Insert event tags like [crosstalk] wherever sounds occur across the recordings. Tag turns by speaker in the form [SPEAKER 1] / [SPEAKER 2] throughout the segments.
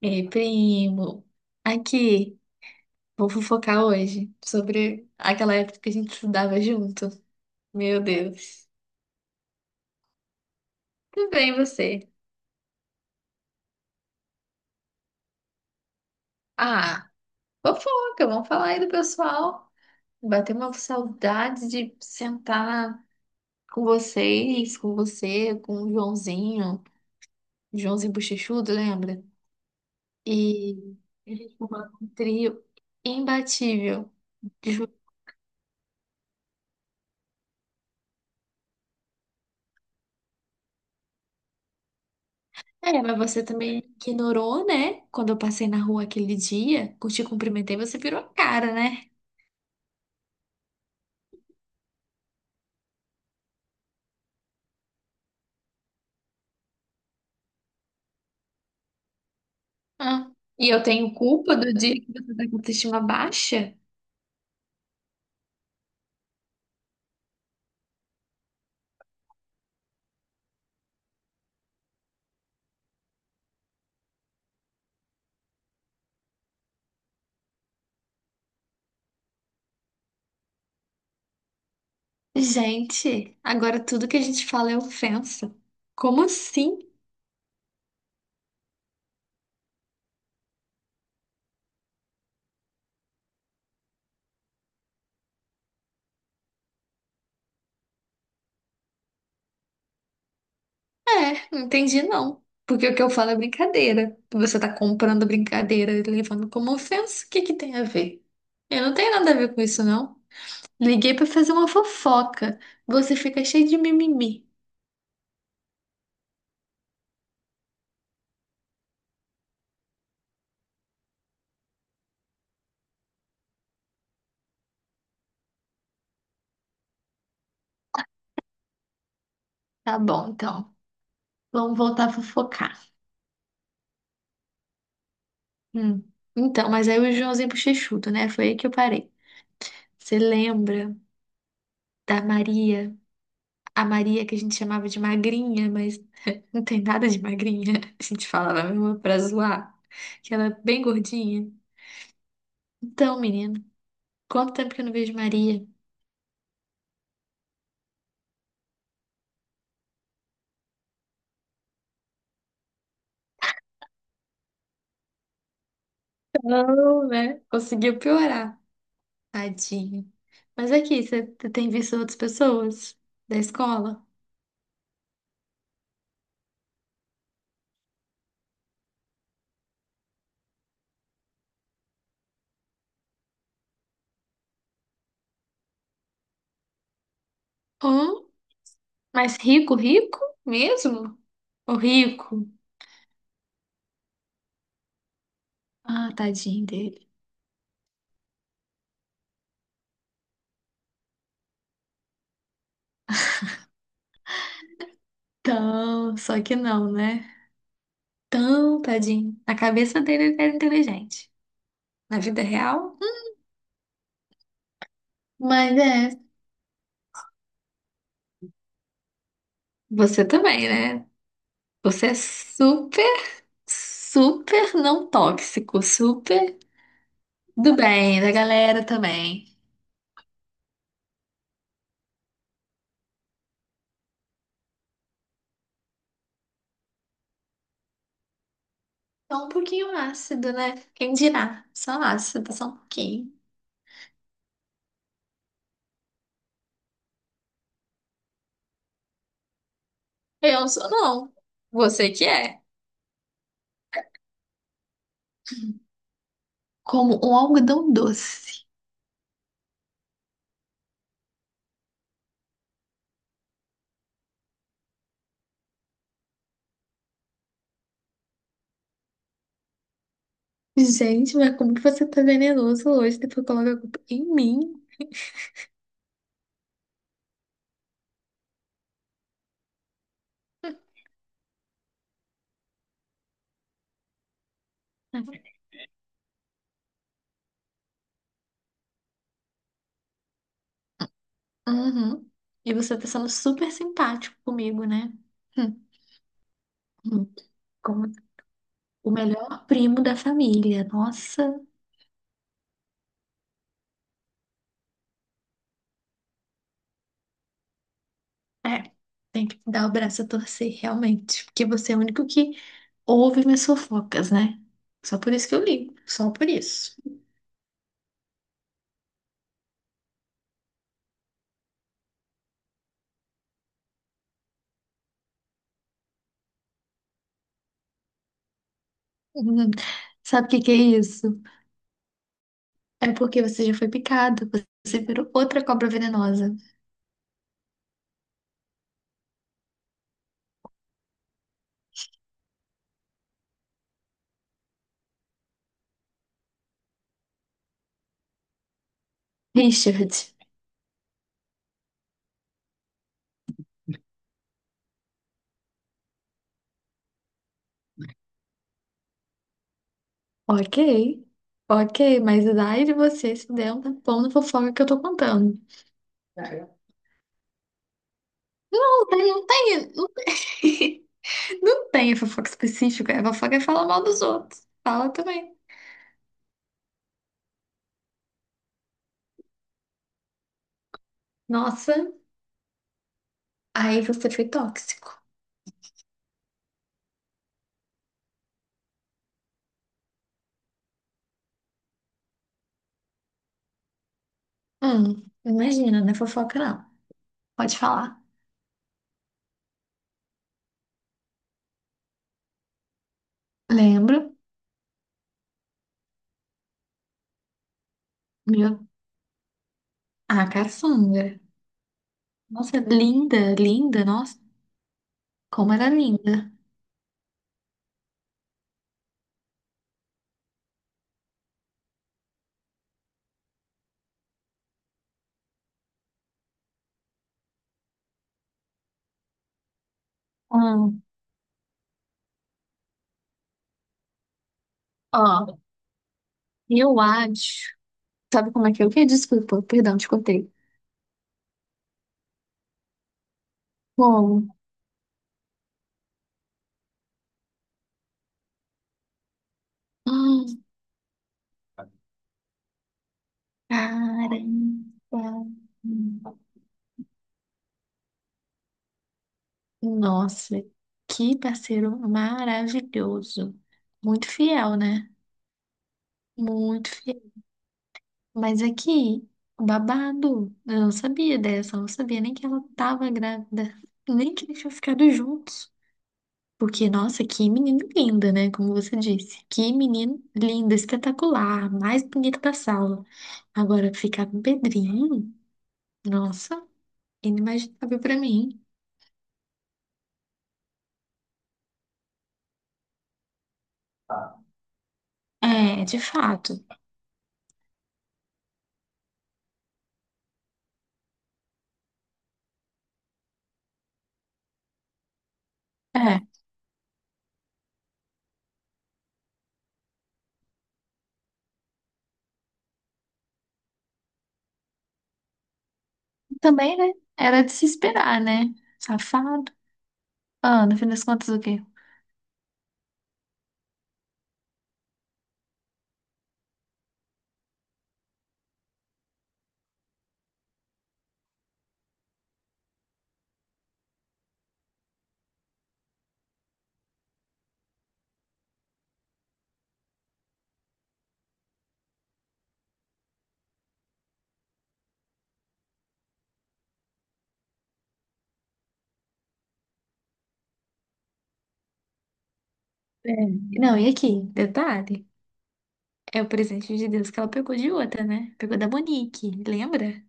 [SPEAKER 1] Ei, primo, aqui, vou fofocar hoje sobre aquela época que a gente estudava junto. Meu Deus. Tudo bem, você? Ah, fofoca, vamos falar aí do pessoal. Bateu uma saudade de sentar com vocês, com você, com o Joãozinho, Joãozinho Bochechudo, lembra? E a gente formava um trio imbatível. É, mas você também ignorou, né? Quando eu passei na rua aquele dia, eu te cumprimentei, você virou a cara, né? Ah, e eu tenho culpa do dia que você tá com a autoestima baixa? Gente, agora tudo que a gente fala é ofensa. Como assim? É, não entendi não. Porque o que eu falo é brincadeira. Você tá comprando brincadeira e levando como ofensa, o que que tem a ver? Eu não tenho nada a ver com isso, não. Liguei pra fazer uma fofoca. Você fica cheio de mimimi. Tá bom, então. Vamos voltar a fofocar. Hum. Então, mas aí o Joãozinho Bochechudo, né? Foi aí que eu parei. Você lembra da Maria? A Maria que a gente chamava de magrinha, mas [laughs] não tem nada de magrinha. A gente falava mesmo pra zoar, que ela é bem gordinha. Então, menino, quanto tempo que eu não vejo Maria? Não, né? Conseguiu piorar. Tadinho. Mas aqui, você tem visto outras pessoas da escola? Hum? Mas rico, rico? Mesmo? O rico? Ah, tadinho dele. Tão, só que não, né? Tão tadinho. Na cabeça dele ele era inteligente. Na vida real. Mas é, você também, né? Você é super, super não tóxico, super do bem, da galera também. Só um pouquinho ácido, né? Quem dirá? Só ácido, só um pouquinho. Eu sou não. Você que é. Como um algodão doce. Gente, mas como que você tá venenoso hoje? Depois coloca a culpa em mim. Uhum. E você tá sendo super simpático comigo, né? Hum, hum. Como o melhor primo da família. Nossa, é. Tem que dar o braço a torcer, realmente. Porque você é o único que ouve minhas fofocas, né? Só por isso que eu ligo. Só por isso. Uhum. Sabe o que que é isso? É porque você já foi picado. Você virou outra cobra venenosa. Richard. Ok. Ok, mas daí de você se der um tapão na fofoca que eu tô contando. Não tem, não tem, não tem, [laughs] não tem fofoca específica. A fofoca é falar mal dos outros. Fala também. Nossa, aí você foi tóxico. Imagina, não é fofoca não. Pode falar. Lembro, meu, ah caçula. Nossa, linda, linda, nossa, como era linda. Hum, ó, eu acho. Sabe como é que eu que? Desculpa, perdão, te contei. Como? Hum, caramba. Nossa, que parceiro maravilhoso. Muito fiel, né? Muito fiel. Mas aqui, babado. Eu não sabia dessa, eu não sabia nem que ela tava grávida. Nem que eles tinham ficado juntos. Porque, nossa, que menina linda, né? Como você disse. Que menino lindo, espetacular, mais bonito da sala. Agora, ficar com o Pedrinho, nossa, inimaginável pra mim. É, de fato. É. Também, né? Era de se esperar, né? Safado. Ah, no fim das contas, o quê? É. Não, e aqui, detalhe, é o presente de Deus que ela pegou de outra, né? Pegou da Monique, lembra?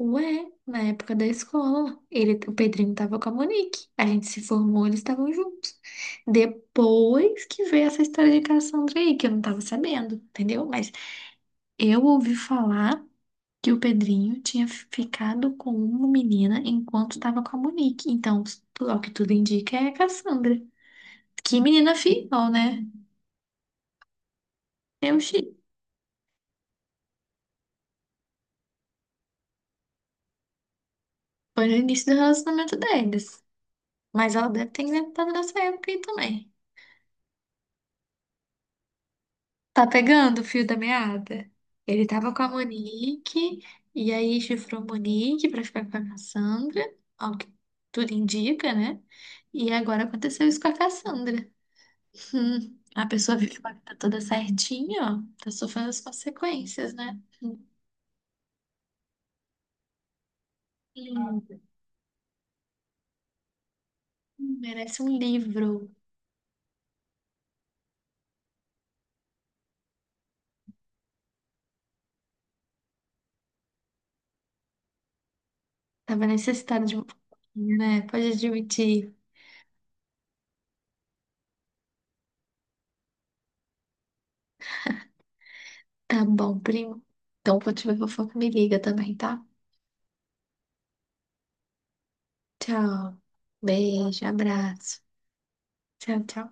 [SPEAKER 1] Ué, na época da escola, ele, o Pedrinho tava com a Monique. A gente se formou, eles estavam juntos. Depois que veio essa história de Cassandra aí, que eu não tava sabendo, entendeu? Mas eu ouvi falar. Que o Pedrinho tinha ficado com uma menina enquanto estava com a Monique. Então, ao que tudo indica, é a Cassandra. Que menina fiel, né? Eu achei. Foi no início do relacionamento deles. Mas ela deve ter inventado nessa época aí também. Tá pegando o fio da meada? Ele tava com a Monique, e aí chifrou a Monique pra ficar com a Cassandra, ao que tudo indica, né? E agora aconteceu isso com a Cassandra. A pessoa vive com a vida toda certinha, ó, tá sofrendo as consequências, né? Hum, merece um livro. Tava necessitado de um pouquinho, né? Pode admitir. Tá bom, primo. Então, quando tiver fofoca, me liga também, tá? Tchau. Beijo, abraço. Tchau, tchau.